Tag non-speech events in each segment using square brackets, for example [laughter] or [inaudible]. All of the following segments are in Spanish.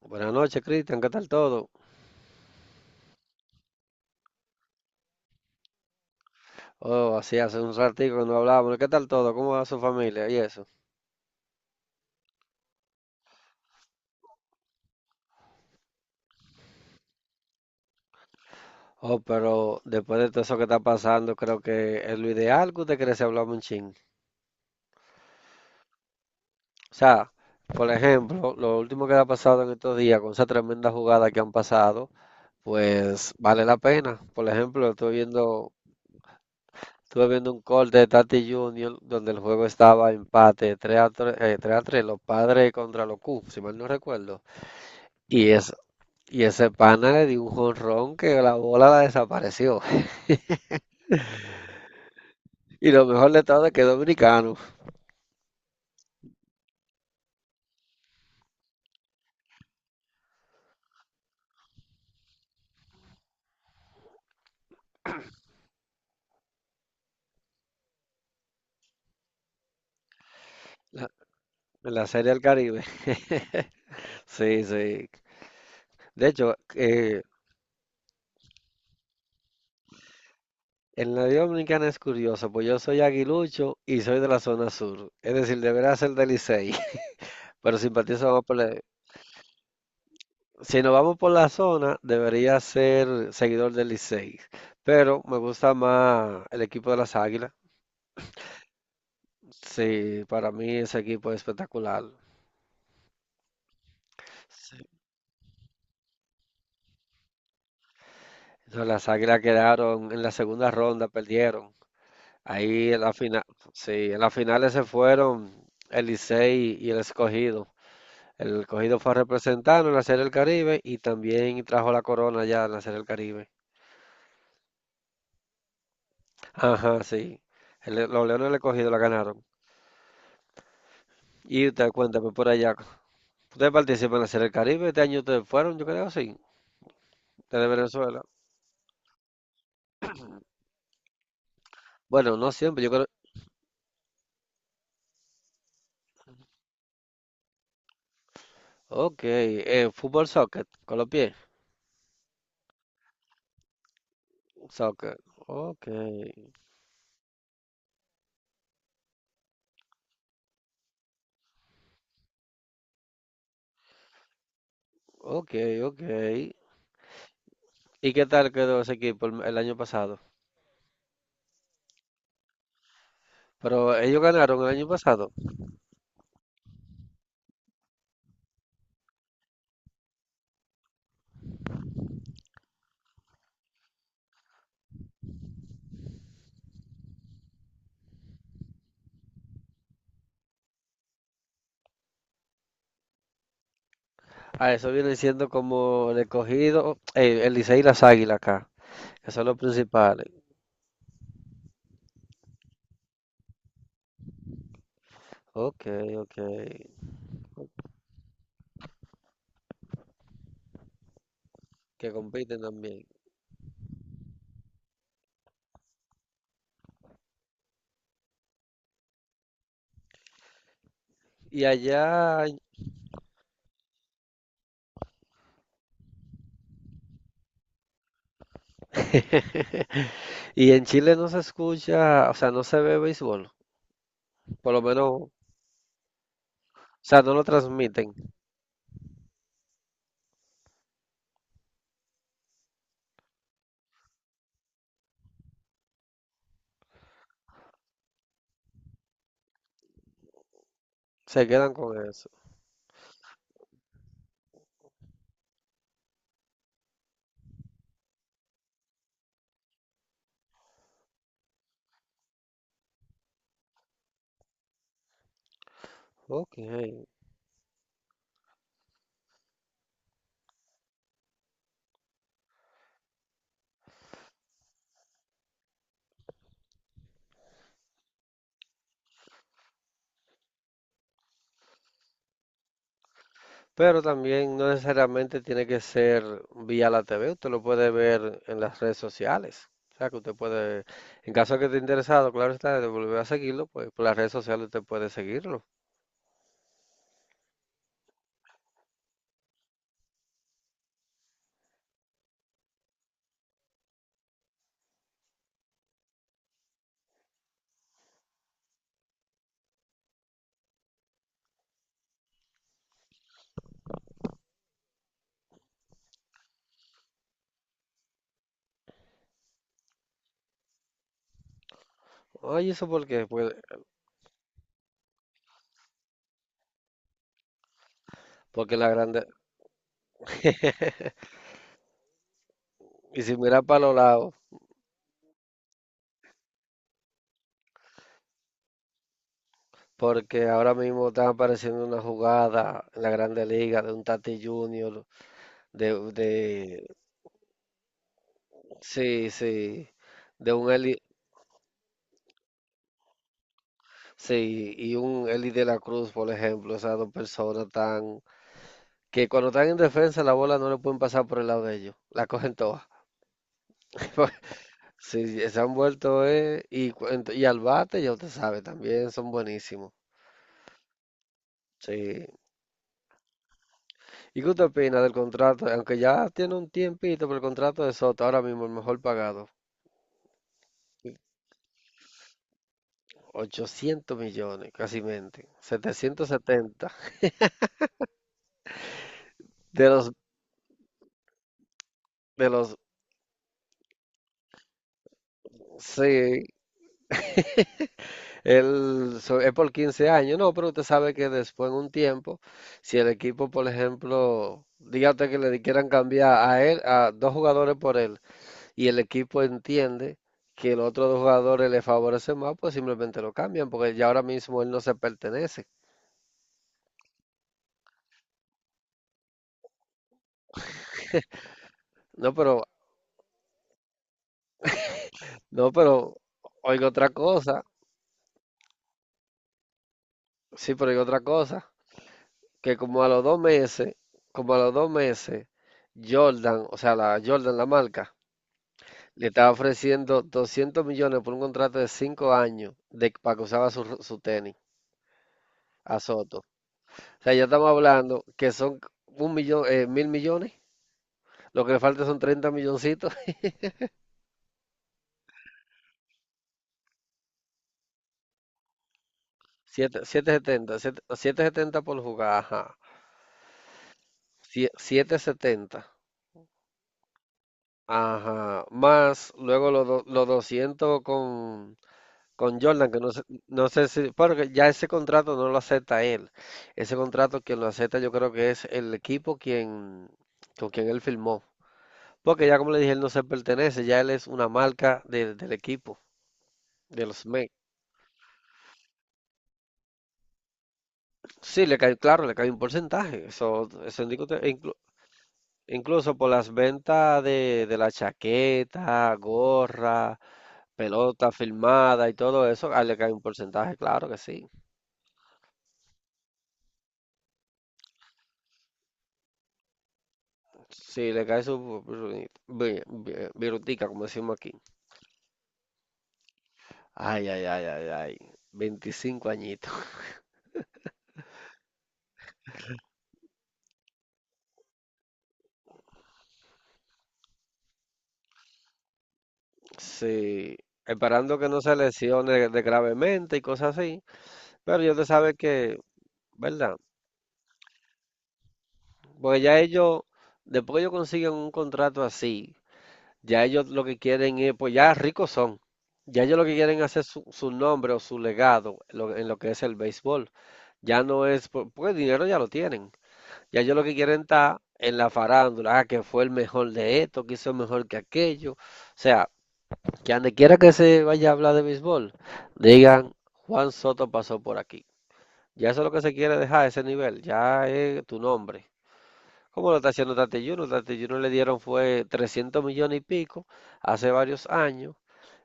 Buenas noches, Cristian, ¿qué tal todo? Oh, así hace un ratico que no hablábamos. ¿Qué tal todo? ¿Cómo va su familia y eso? Oh, pero después de todo eso que está pasando, creo que es lo ideal que usted cree si hablamos un chin. O sea, por ejemplo, lo último que ha pasado en estos días, con esa tremenda jugada que han pasado, pues vale la pena. Por ejemplo, estuve viendo un corte de Tati Junior donde el juego estaba empate 3-3, 3-3, los padres contra los Cubs, si mal no recuerdo. Y es Y ese pana le dio un jonrón que la bola la desapareció. [laughs] Y lo mejor de todo es que es dominicano, la- en la Serie del Caribe. [laughs] Sí, sí. De hecho, en la Liga Dominicana es curioso, pues yo soy aguilucho y soy de la zona sur. Es decir, debería ser del Licey, [laughs] pero simpatizo más. Si nos vamos por la zona, debería ser seguidor del Licey. Pero me gusta más el equipo de las Águilas. Sí, para mí ese equipo es espectacular. Sí. No, las Águilas quedaron en la segunda ronda, perdieron. Ahí en la final, sí, en las finales se fueron el Licey y el Escogido. El Escogido fue a representarnos en la Serie del Caribe y también trajo la corona ya en la Serie del Caribe. Ajá, sí. Los Leones del Escogido la ganaron. Y usted cuéntame por allá. ¿Ustedes participan en la Serie del Caribe? Este año ustedes fueron, yo creo, sí. Desde Venezuela. Bueno, no siempre, yo creo. Ok, fútbol soccer, con los pies. Soccer. Ok. Ok, ok. ¿Y qué tal quedó ese equipo el año pasado? Pero ellos ganaron el año pasado. Ah, eso viene siendo como el Escogido, el Licey y las Águilas acá, que son los principales. Ok, ok. Que compiten también. Y allá. [laughs] Y en Chile no se escucha, o sea, no se ve béisbol. Por lo menos, o sea, no lo transmiten. Se quedan con eso. Ok. Pero también no necesariamente tiene que ser vía la TV, usted lo puede ver en las redes sociales. O sea, que usted puede, en caso de que esté interesado, claro está, de volver a seguirlo, pues por las redes sociales usted puede seguirlo. Oye, ¿eso por qué? Pues, porque la grande, y si mira para los lados, porque ahora mismo están apareciendo una jugada en la Grande Liga de un Tati Junior, de, de, sí, sí, de un Eli, sí, y un Eli de la Cruz, por ejemplo, esas dos personas tan que cuando están en defensa la bola no le pueden pasar por el lado de ellos, la cogen todas. [laughs] Sí, sí, se han vuelto, y y al bate, ya usted sabe, también son buenísimos. Sí. ¿Y qué usted opina del contrato? Aunque ya tiene un tiempito, pero el contrato de Soto, ahora mismo el mejor pagado, 800 millones, casi mente, 770. De los, de los, sí, es por 15 años, no, pero usted sabe que después en un tiempo, si el equipo, por ejemplo, diga usted que le quieran cambiar a él, a dos jugadores por él, y el equipo entiende que los otros dos jugadores le favorecen más, pues simplemente lo cambian, porque ya ahora mismo él no se pertenece. No, pero, no, pero, oiga otra cosa, sí, pero oiga otra cosa, que como a los dos meses, Jordan, o sea, la Jordan, la marca, le estaba ofreciendo 200 millones por un contrato de 5 años de, para que usaba su, su tenis a Soto. O sea, ya estamos hablando que son un millón, mil millones. Lo que le falta son 30 milloncitos. [laughs] 7, 770, 7, setenta por jugar, ajá. 770, ajá. Más luego los, los 200 con Jordan, que no sé, no sé si, porque ya ese contrato no lo acepta él. Ese contrato quien lo acepta yo creo que es el equipo quien, con quien él firmó. Porque ya como le dije, él no se pertenece, ya él es una marca del equipo, de los Mets. Sí, le cae, claro, le cae un porcentaje. Eso incluso por las ventas de la chaqueta, gorra, pelota firmada y todo eso, a él le cae un porcentaje, claro que sí. Sí, le cae su brutica, como decimos aquí. Ay, ay, ay, ay, ay. 25 añitos. [laughs] Sí. Esperando que no se lesione de gravemente y cosas así. Pero yo te sabe que, ¿verdad? Porque ya ellos, después que ellos consiguen un contrato así, ya ellos lo que quieren es, pues ya ricos son. Ya ellos lo que quieren es hacer su, su nombre o su legado en lo que es el béisbol. Ya no es, porque el dinero ya lo tienen. Ya yo lo que quieren está en la farándula, ah, que fue el mejor de esto, que hizo mejor que aquello. O sea, que donde quiera que se vaya a hablar de béisbol, digan, Juan Soto pasó por aquí. Ya eso es lo que se quiere dejar, ese nivel, ya es tu nombre. Como lo está haciendo Tati Junior. Tati Junior le dieron fue 300 millones y pico hace varios años,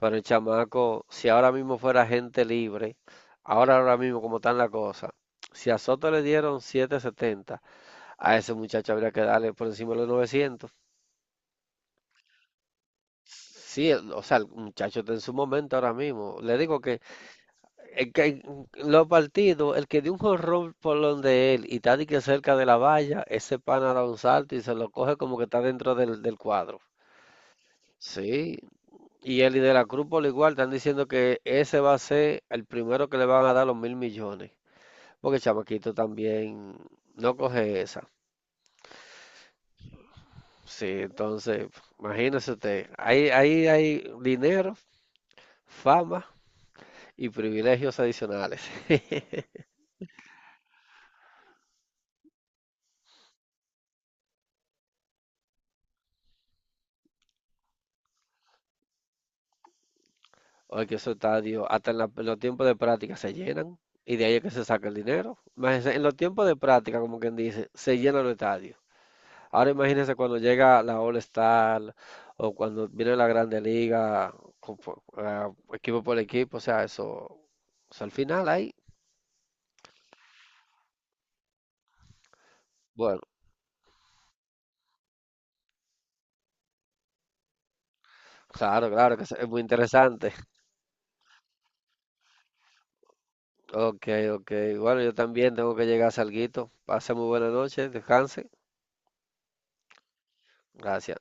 pero el chamaco, si ahora mismo fuera gente libre, ahora mismo como están las cosas, si a Soto le dieron 770, a ese muchacho habría que darle por encima de los 900. Sí, o sea, el muchacho está en su momento ahora mismo. Le digo que, en los partidos, el que dio un jorrón por donde él y está de que cerca de la valla, ese pana da un salto y se lo coge como que está dentro del, del cuadro. Sí, y él y De la Cruz por igual están diciendo que ese va a ser el primero que le van a dar los mil millones. Porque Chamaquito también no coge esa. Sí, entonces, imagínese usted, ahí hay dinero, fama y privilegios adicionales. [laughs] Porque esos estadios, hasta en, en los tiempos de práctica se llenan y de ahí es que se saca el dinero. Imagínense, en los tiempos de práctica, como quien dice, se llenan los estadios. Ahora imagínense cuando llega la All-Star o cuando viene la Grande Liga, ah, equipo por equipo, o sea, eso al final ahí, bueno. Claro, claro, que es muy interesante. Ok, ok. Bueno, yo también tengo que llegar a salguito. Pase muy buena noche, descanse. Gracias.